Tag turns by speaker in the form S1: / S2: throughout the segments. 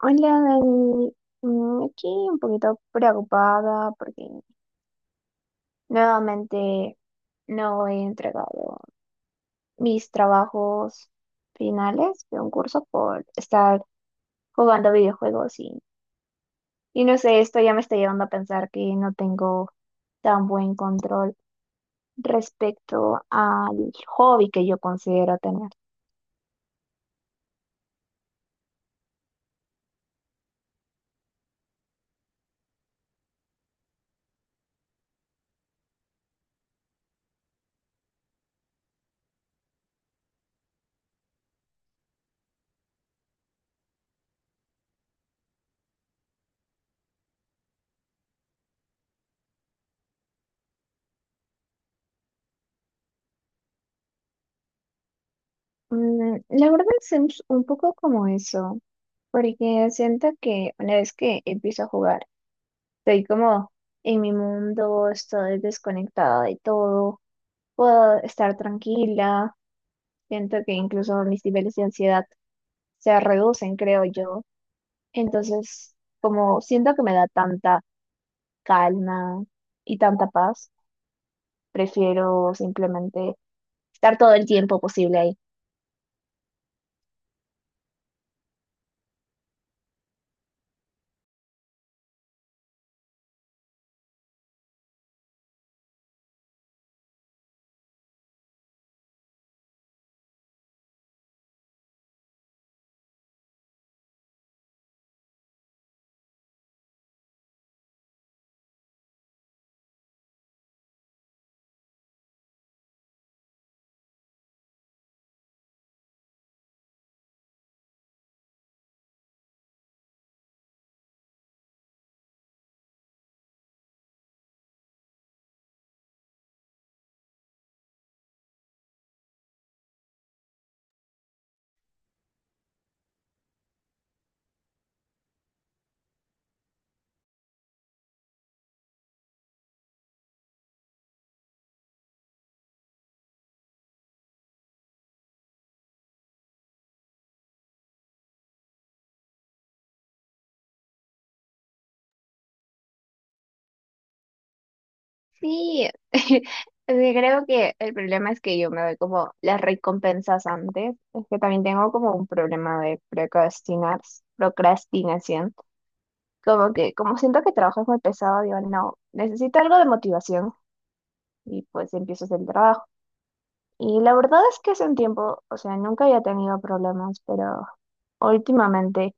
S1: Hola, Dani. Aquí un poquito preocupada porque nuevamente no he entregado mis trabajos finales de un curso por estar jugando videojuegos y no sé, esto ya me está llevando a pensar que no tengo tan buen control respecto al hobby que yo considero tener. La verdad es un poco como eso, porque siento que una vez que empiezo a jugar, estoy como en mi mundo, estoy desconectada de todo, puedo estar tranquila, siento que incluso mis niveles de ansiedad se reducen, creo yo. Entonces, como siento que me da tanta calma y tanta paz, prefiero simplemente estar todo el tiempo posible ahí. Sí, sí, creo que el problema es que yo me doy como las recompensas antes, es que también tengo como un problema de procrastinar, procrastinación. Como que, como siento que trabajo es muy pesado, digo, no, necesito algo de motivación y pues empiezo a hacer el trabajo. Y la verdad es que hace un tiempo, o sea, nunca había tenido problemas, pero últimamente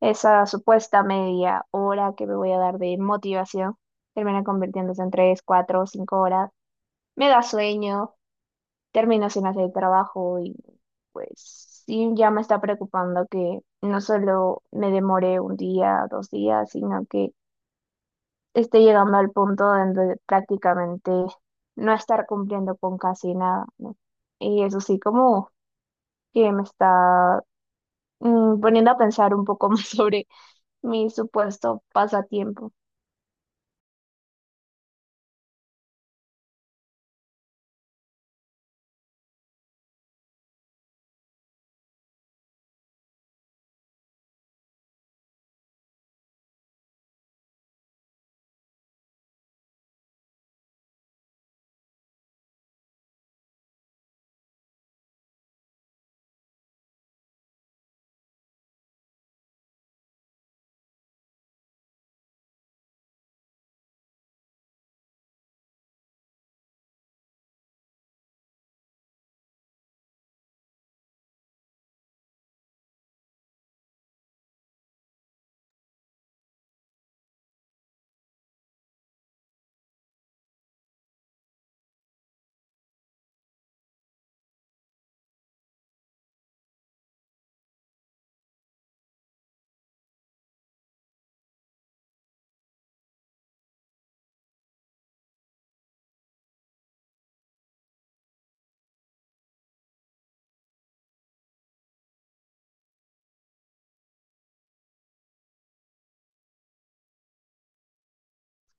S1: esa supuesta media hora que me voy a dar de motivación termina convirtiéndose en 3, 4, 5 horas. Me da sueño, termino sin hacer el trabajo y pues sí, ya me está preocupando que no solo me demore 1 día, 2 días, sino que estoy llegando al punto donde prácticamente no estar cumpliendo con casi nada, ¿no? Y eso sí, como que me está poniendo a pensar un poco más sobre mi supuesto pasatiempo.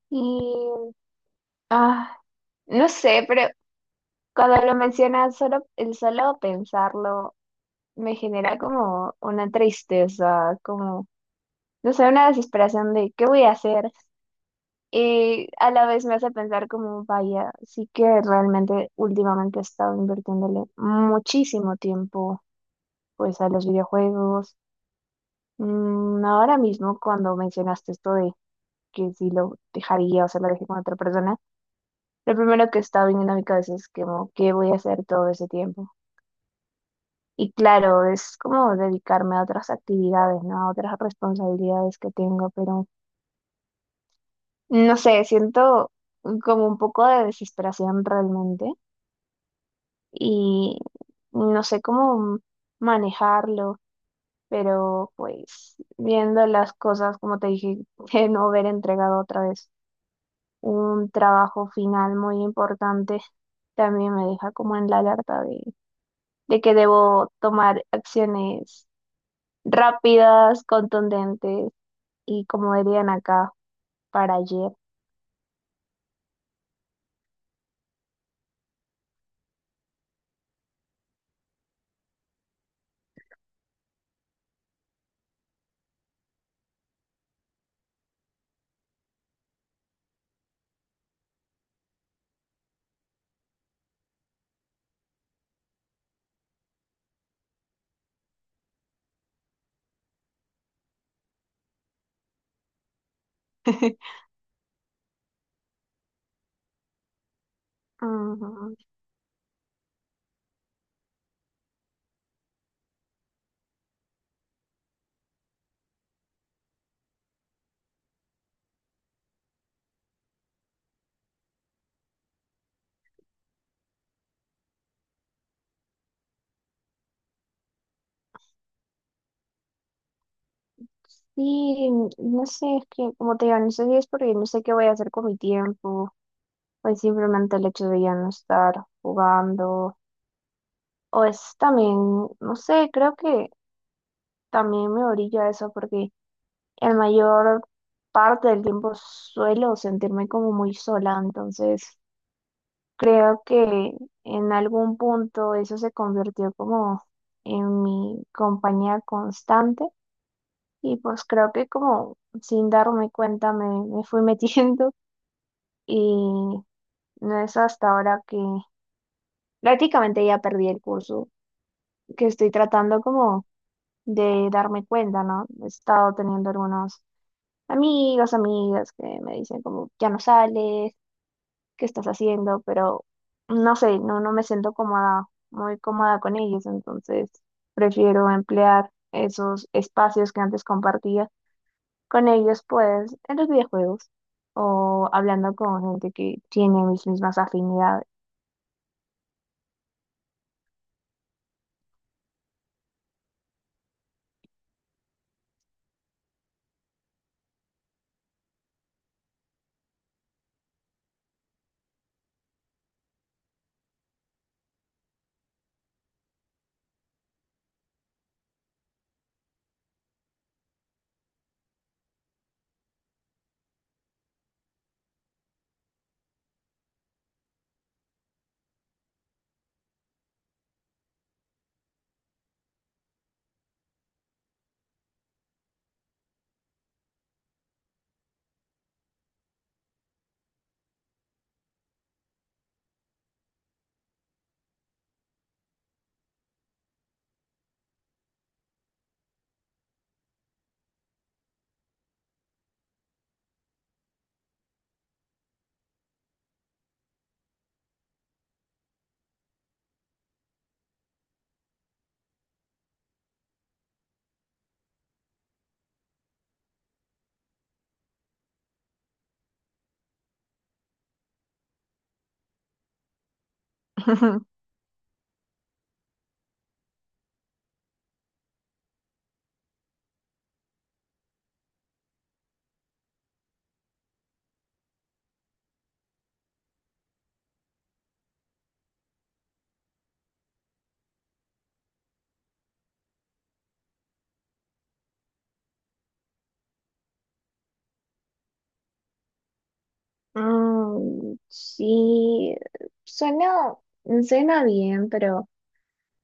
S1: Y, ah, no sé, pero cuando lo mencionas, el solo pensarlo me genera como una tristeza, como, no sé, una desesperación de ¿qué voy a hacer? Y a la vez me hace pensar como, vaya, sí que realmente últimamente he estado invirtiéndole muchísimo tiempo pues a los videojuegos. Ahora mismo cuando mencionaste esto de que si lo dejaría o se lo dejé con otra persona, lo primero que estaba viniendo a mi cabeza es como, ¿qué voy a hacer todo ese tiempo? Y claro, es como dedicarme a otras actividades, ¿no? A otras responsabilidades que tengo, pero no sé, siento como un poco de desesperación realmente y no sé cómo manejarlo, pero pues viendo las cosas, como te dije, de no haber entregado otra vez un trabajo final muy importante, también me deja como en la alerta de que debo tomar acciones rápidas, contundentes y como dirían acá, para ayer. Ujú. Sí, no sé, es que como te digo, no sé si es porque no sé qué voy a hacer con mi tiempo pues simplemente el hecho de ya no estar jugando. O es también, no sé, creo que también me orilla a eso porque el mayor parte del tiempo suelo sentirme como muy sola, entonces creo que en algún punto eso se convirtió como en mi compañía constante y pues creo que como sin darme cuenta me fui metiendo y no es hasta ahora que prácticamente ya perdí el curso que estoy tratando como de darme cuenta, ¿no? He estado teniendo algunos amigos, amigas que me dicen como, ya no sales, ¿qué estás haciendo? Pero no sé, no, no me siento cómoda, muy cómoda con ellos, entonces prefiero emplear esos espacios que antes compartía con ellos, pues en los videojuegos o hablando con gente que tiene mis mismas afinidades. Sí, suena, suena bien, pero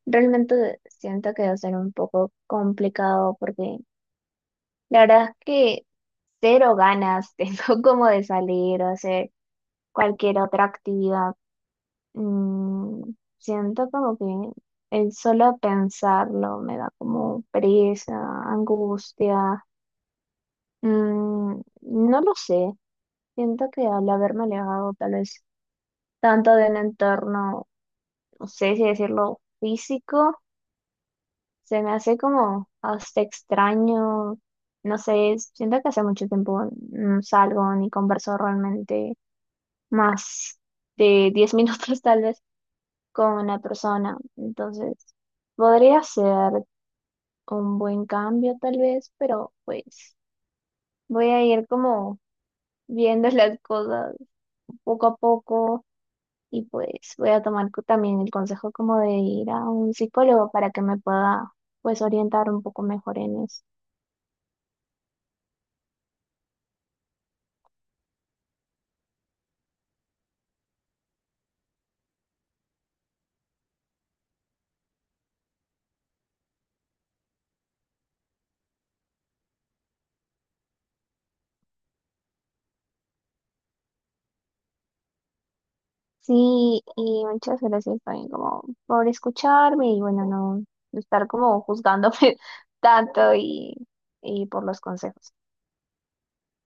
S1: realmente siento que va a ser un poco complicado porque la verdad es que cero ganas tengo como de salir o hacer cualquier otra actividad. Siento como que el solo pensarlo me da como pereza, angustia. No lo sé, siento que al haberme alejado tal vez tanto de un entorno no sé si decirlo físico, se me hace como hasta extraño, no sé, siento que hace mucho tiempo no salgo ni converso realmente más de 10 minutos tal vez con una persona, entonces podría ser un buen cambio tal vez, pero pues voy a ir como viendo las cosas poco a poco. Y pues voy a tomar también el consejo como de ir a un psicólogo para que me pueda pues orientar un poco mejor en eso. Sí, y muchas gracias también como por escucharme y bueno, no estar como juzgándome tanto y por los consejos.